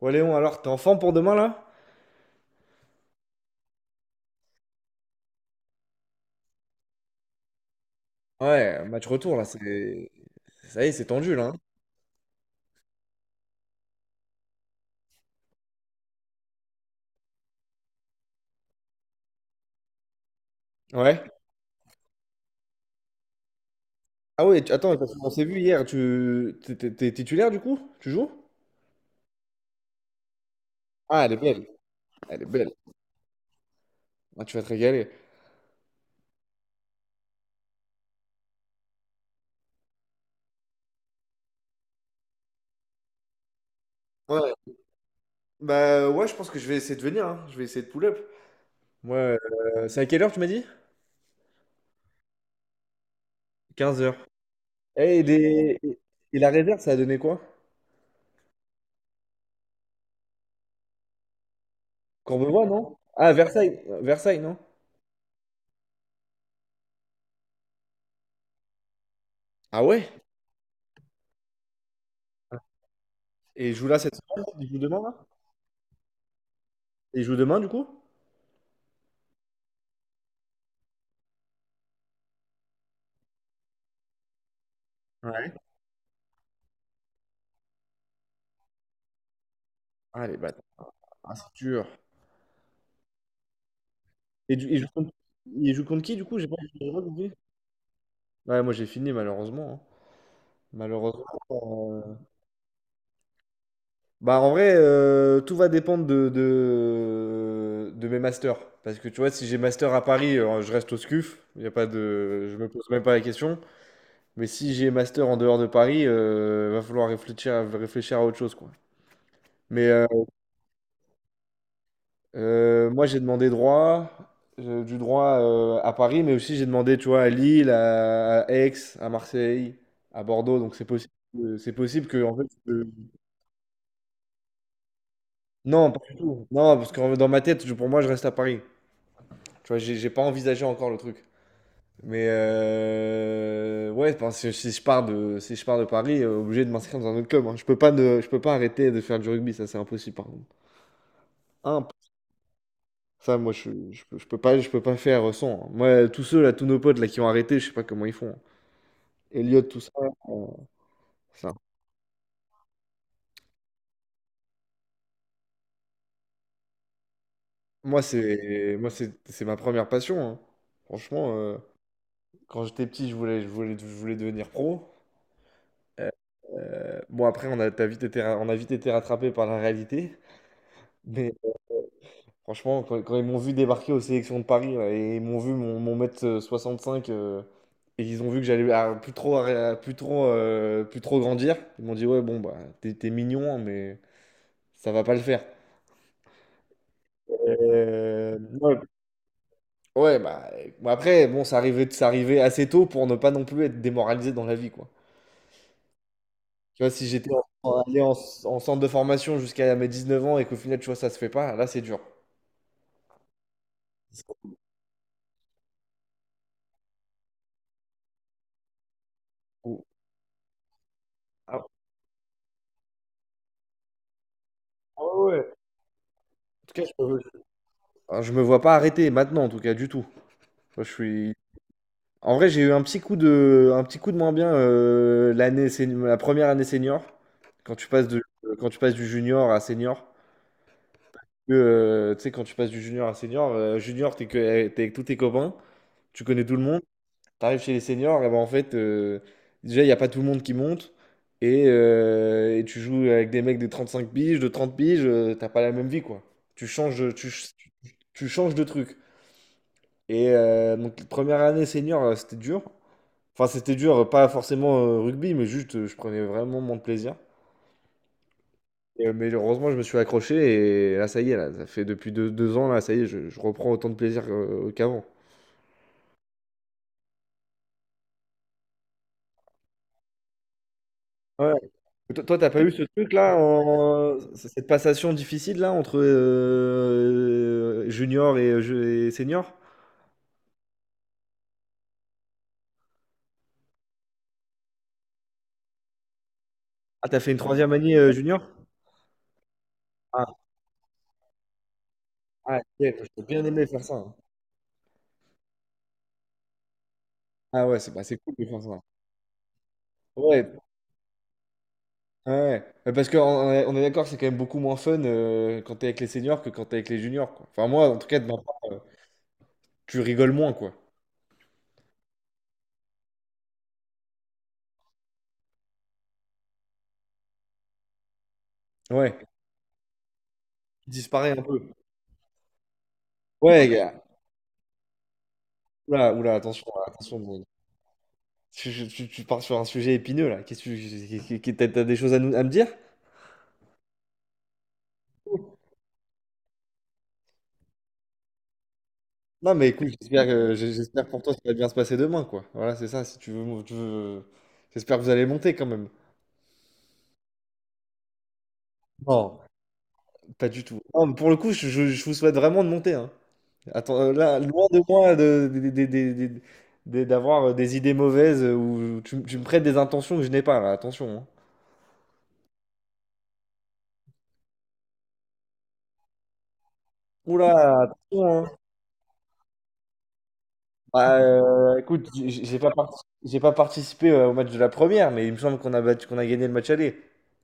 Ouais, Léon, alors, t'es en forme pour demain, là? Ouais, match retour là, c'est ça y est, c'est tendu là, hein. Ouais. Ah ouais, attends, parce qu'on s'est vu hier. Tu... T'es t'es- t'es- titulaire, du coup? Tu joues? Ah, elle est belle. Elle est belle. Ah, tu vas te régaler. Ouais. Bah ouais, je pense que je vais essayer de venir, hein. Je vais essayer de pull-up. Ouais, c'est à quelle heure tu m'as dit? 15 heures. Eh, et, les- et- la réserve, ça a donné quoi? Voit non? Ah, Versailles, non? Ah ouais? Et il joue là cette semaine? Il joue demain, là? Et il joue demain, du coup? Ouais. Ah, les bâtards. Ah, c'est dur. Et du il joue contre Il joue contre qui, du coup? J'ai pas compris. Ouais, moi j'ai fini malheureusement, hein. Malheureusement, heu, bah, en vrai, tout va dépendre de mes masters. Parce que tu vois, si j'ai master à Paris, je reste au SCUF, il y a pas de je me pose même pas la question. Mais si j'ai master en dehors de Paris, va falloir réfléchir à autre chose, quoi. Mais moi, j'ai demandé droit, du droit à Paris, mais aussi j'ai demandé, tu vois, à Lille, à Aix, à Marseille, à Bordeaux. Donc c'est possible, c'est possible que en fait, non, pas du tout. Non, parce que dans ma tête, pour moi, je reste à Paris. Tu vois, j'ai pas envisagé encore le truc. Mais ouais, enfin, si, si je pars de Paris, obligé de m'inscrire dans un autre club, hein. Je peux pas, je peux pas arrêter de faire du rugby, ça c'est impossible par contre. Ça, moi, je peux pas faire sans, hein. Moi, tous ceux, là, tous nos potes, là, qui ont arrêté, je sais pas comment ils font, hein. Elliot, tout ça. euh, Ça. Moi, c'est, moi, c'est ma première passion, hein. Franchement, quand j'étais petit, je voulais devenir pro. Euh, bon, après, t'as vite été, on a vite été rattrapé par la réalité. Mais franchement, quand ils m'ont vu débarquer aux sélections de Paris là, et ils m'ont vu mon, mon mètre cinq, et ils ont vu que j'allais plus trop grandir, ils m'ont dit ouais bon bah t'es mignon hein, mais ça va pas le faire. Ouais, ouais, bah bon, après bon ça arrivait assez tôt pour ne pas non plus être démoralisé dans la vie, quoi. Tu vois, si j'étais allé en centre de formation jusqu'à mes 19 ans et qu'au final tu vois ça se fait pas, là c'est dur. Ou- Ah, ah ouais, ouais. En tout cas je me vois pas arrêter maintenant en tout cas du tout. Moi, je suis... En vrai, j'ai eu un petit coup de, un petit coup de moins bien, l'année, la première année senior, quand tu passes de, quand tu passes du junior à senior. Tu sais, quand tu passes du junior à senior, junior, t'es avec tous tes copains, tu connais tout le monde, t'arrives chez les seniors, et ben en fait, déjà, il n'y a pas tout le monde qui monte, et tu joues avec des mecs de 35 piges, de 30 piges, t'as pas la même vie, quoi. Tu changes, tu changes de truc. Et donc, première année senior, c'était dur. Enfin, c'était dur, pas forcément, rugby, mais juste, je prenais vraiment mon plaisir. Et, mais heureusement, je me suis accroché et là, ça y est, là, ça fait depuis deux, deux ans, là, ça y est, je reprends autant de plaisir, qu'avant. Ouais. Toi, toi, t'as pas eu ce truc-là, cette passation difficile, là, entre junior et, et senior? Ah, t'as fait une troisième année, junior? Ah, ah, ok, moi, j'ai bien aimé faire ça, hein. Ah ouais, c'est bah, c'est cool de faire ça. Ouais, ouais, ouais, mais parce qu'on est d'accord, c'est quand même beaucoup moins fun, quand t'es avec les seniors que quand t'es avec les juniors, quoi. Enfin, moi, en tout cas, de ma part, tu rigoles moins, quoi. Ouais. Il disparaît un peu. Ouais, gars. Oula, oula, attention, attention. Bon. Tu pars sur un sujet épineux, là. Qu'est-ce que t'as des choses à nous, à me dire? Non, mais écoute, j'espère pour toi que ça va bien se passer demain, quoi. Voilà, c'est ça, si tu veux, tu veux... J'espère que vous allez monter, quand même. Non, pas du tout. Non, mais pour le coup, je vous souhaite vraiment de monter, hein. Attends, là, loin de moi d'avoir des idées mauvaises, ou tu me prêtes des intentions que je n'ai pas, là, attention, hein. Oula, attention, hein. Bah, écoute, j'ai pas, j'ai pas participé, au match de la première, mais il me semble qu'on a battu, qu'on a gagné le match aller.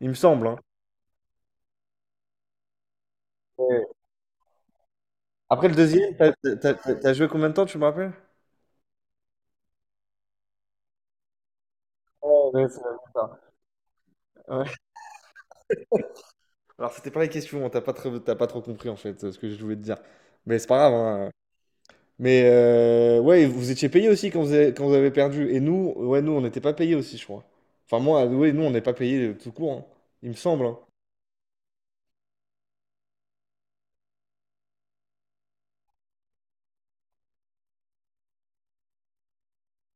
Il me semble, hein. Ouais. Après le deuxième, t'as joué combien de temps, tu me rappelles? Ouais, ouais, c'est vraiment ça. Ouais. Alors, c'était pas la question, hein, t'as pas, t'as pas trop compris en fait, ce que je voulais te dire. Mais c'est pas grave, hein. Mais ouais, vous étiez payé aussi quand vous avez perdu. Et nous, ouais, nous, on n'était pas payé aussi, je crois. Enfin, moi, ouais, nous, on n'est pas payé tout court, hein. Il me semble, hein.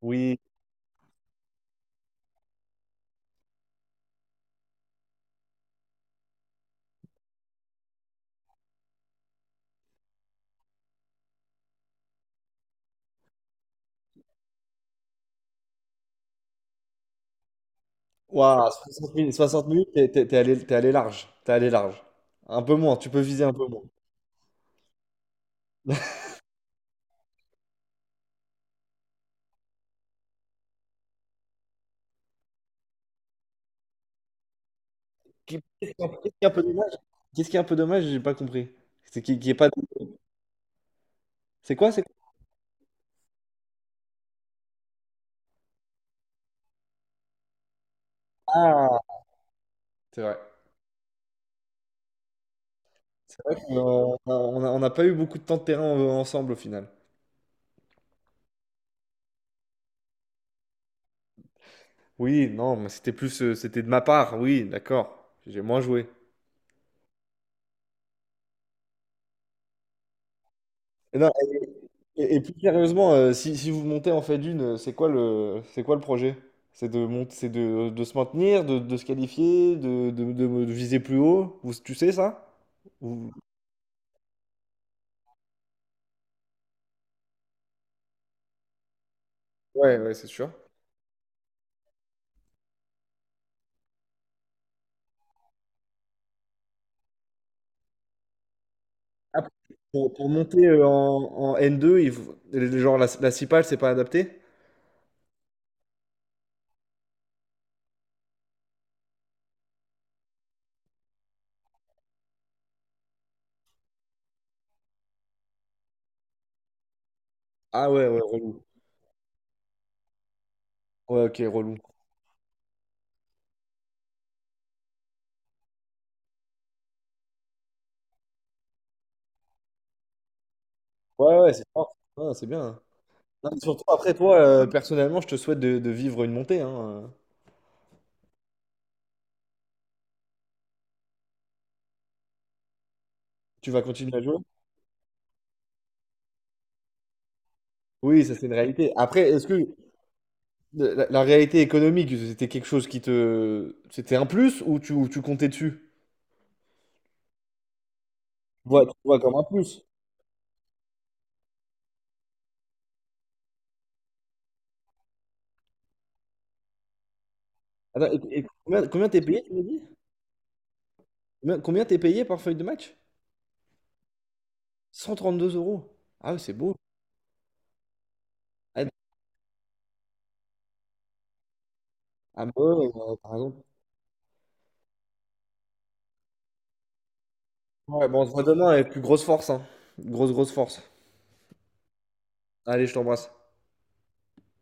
Oui. Waouh, 60 minutes, 60 minutes, t'es allé large. T'es allé large. Un peu moins, tu peux viser un peu moins. Qu'est-ce qui est un peu dommage? Qu'est-ce qui est un peu dommage? J'ai pas compris. C'est qui est pas. C'est quoi? C'est quoi? Ah, c'est vrai. C'est vrai qu'on n'a pas eu beaucoup de temps de terrain ensemble au final. Oui, non, mais c'était plus, c'était de ma part. Oui, d'accord. J'ai moins joué. Et non, et, et plus sérieusement, si, si vous montez en fait d'une, c'est quoi le projet? C'est de monter, c'est de se maintenir, de se qualifier, de, de viser plus haut. Vous, tu sais ça? Ou- Ouais, ouais, c'est sûr. Ah, pour monter, en, en n deux, genre la, la CIPAL, c'est pas adapté? Ah ouais, ouais, relou. Ouais, ok, relou. Ouais, ouais, c'est fort. Ouais, c'est bien, hein. Non, mais surtout après toi, personnellement, je te souhaite de vivre une montée, hein. Tu vas continuer à jouer? Oui, ça c'est une réalité. Après, est-ce que... La réalité économique, c'était quelque chose qui te... C'était un plus ou tu comptais dessus? Tu vois comme un plus. Attends, et combien, combien t'es payé, tu m'as dit? Combien, combien t'es payé par feuille de match? 132 euros. Ah oui, c'est beau. Ah, ah bah ouais, ouais, ouais, par exemple. Ouais, bon, on se voit demain avec plus grosse force, hein. Grosse, grosse force. Allez, je t'embrasse.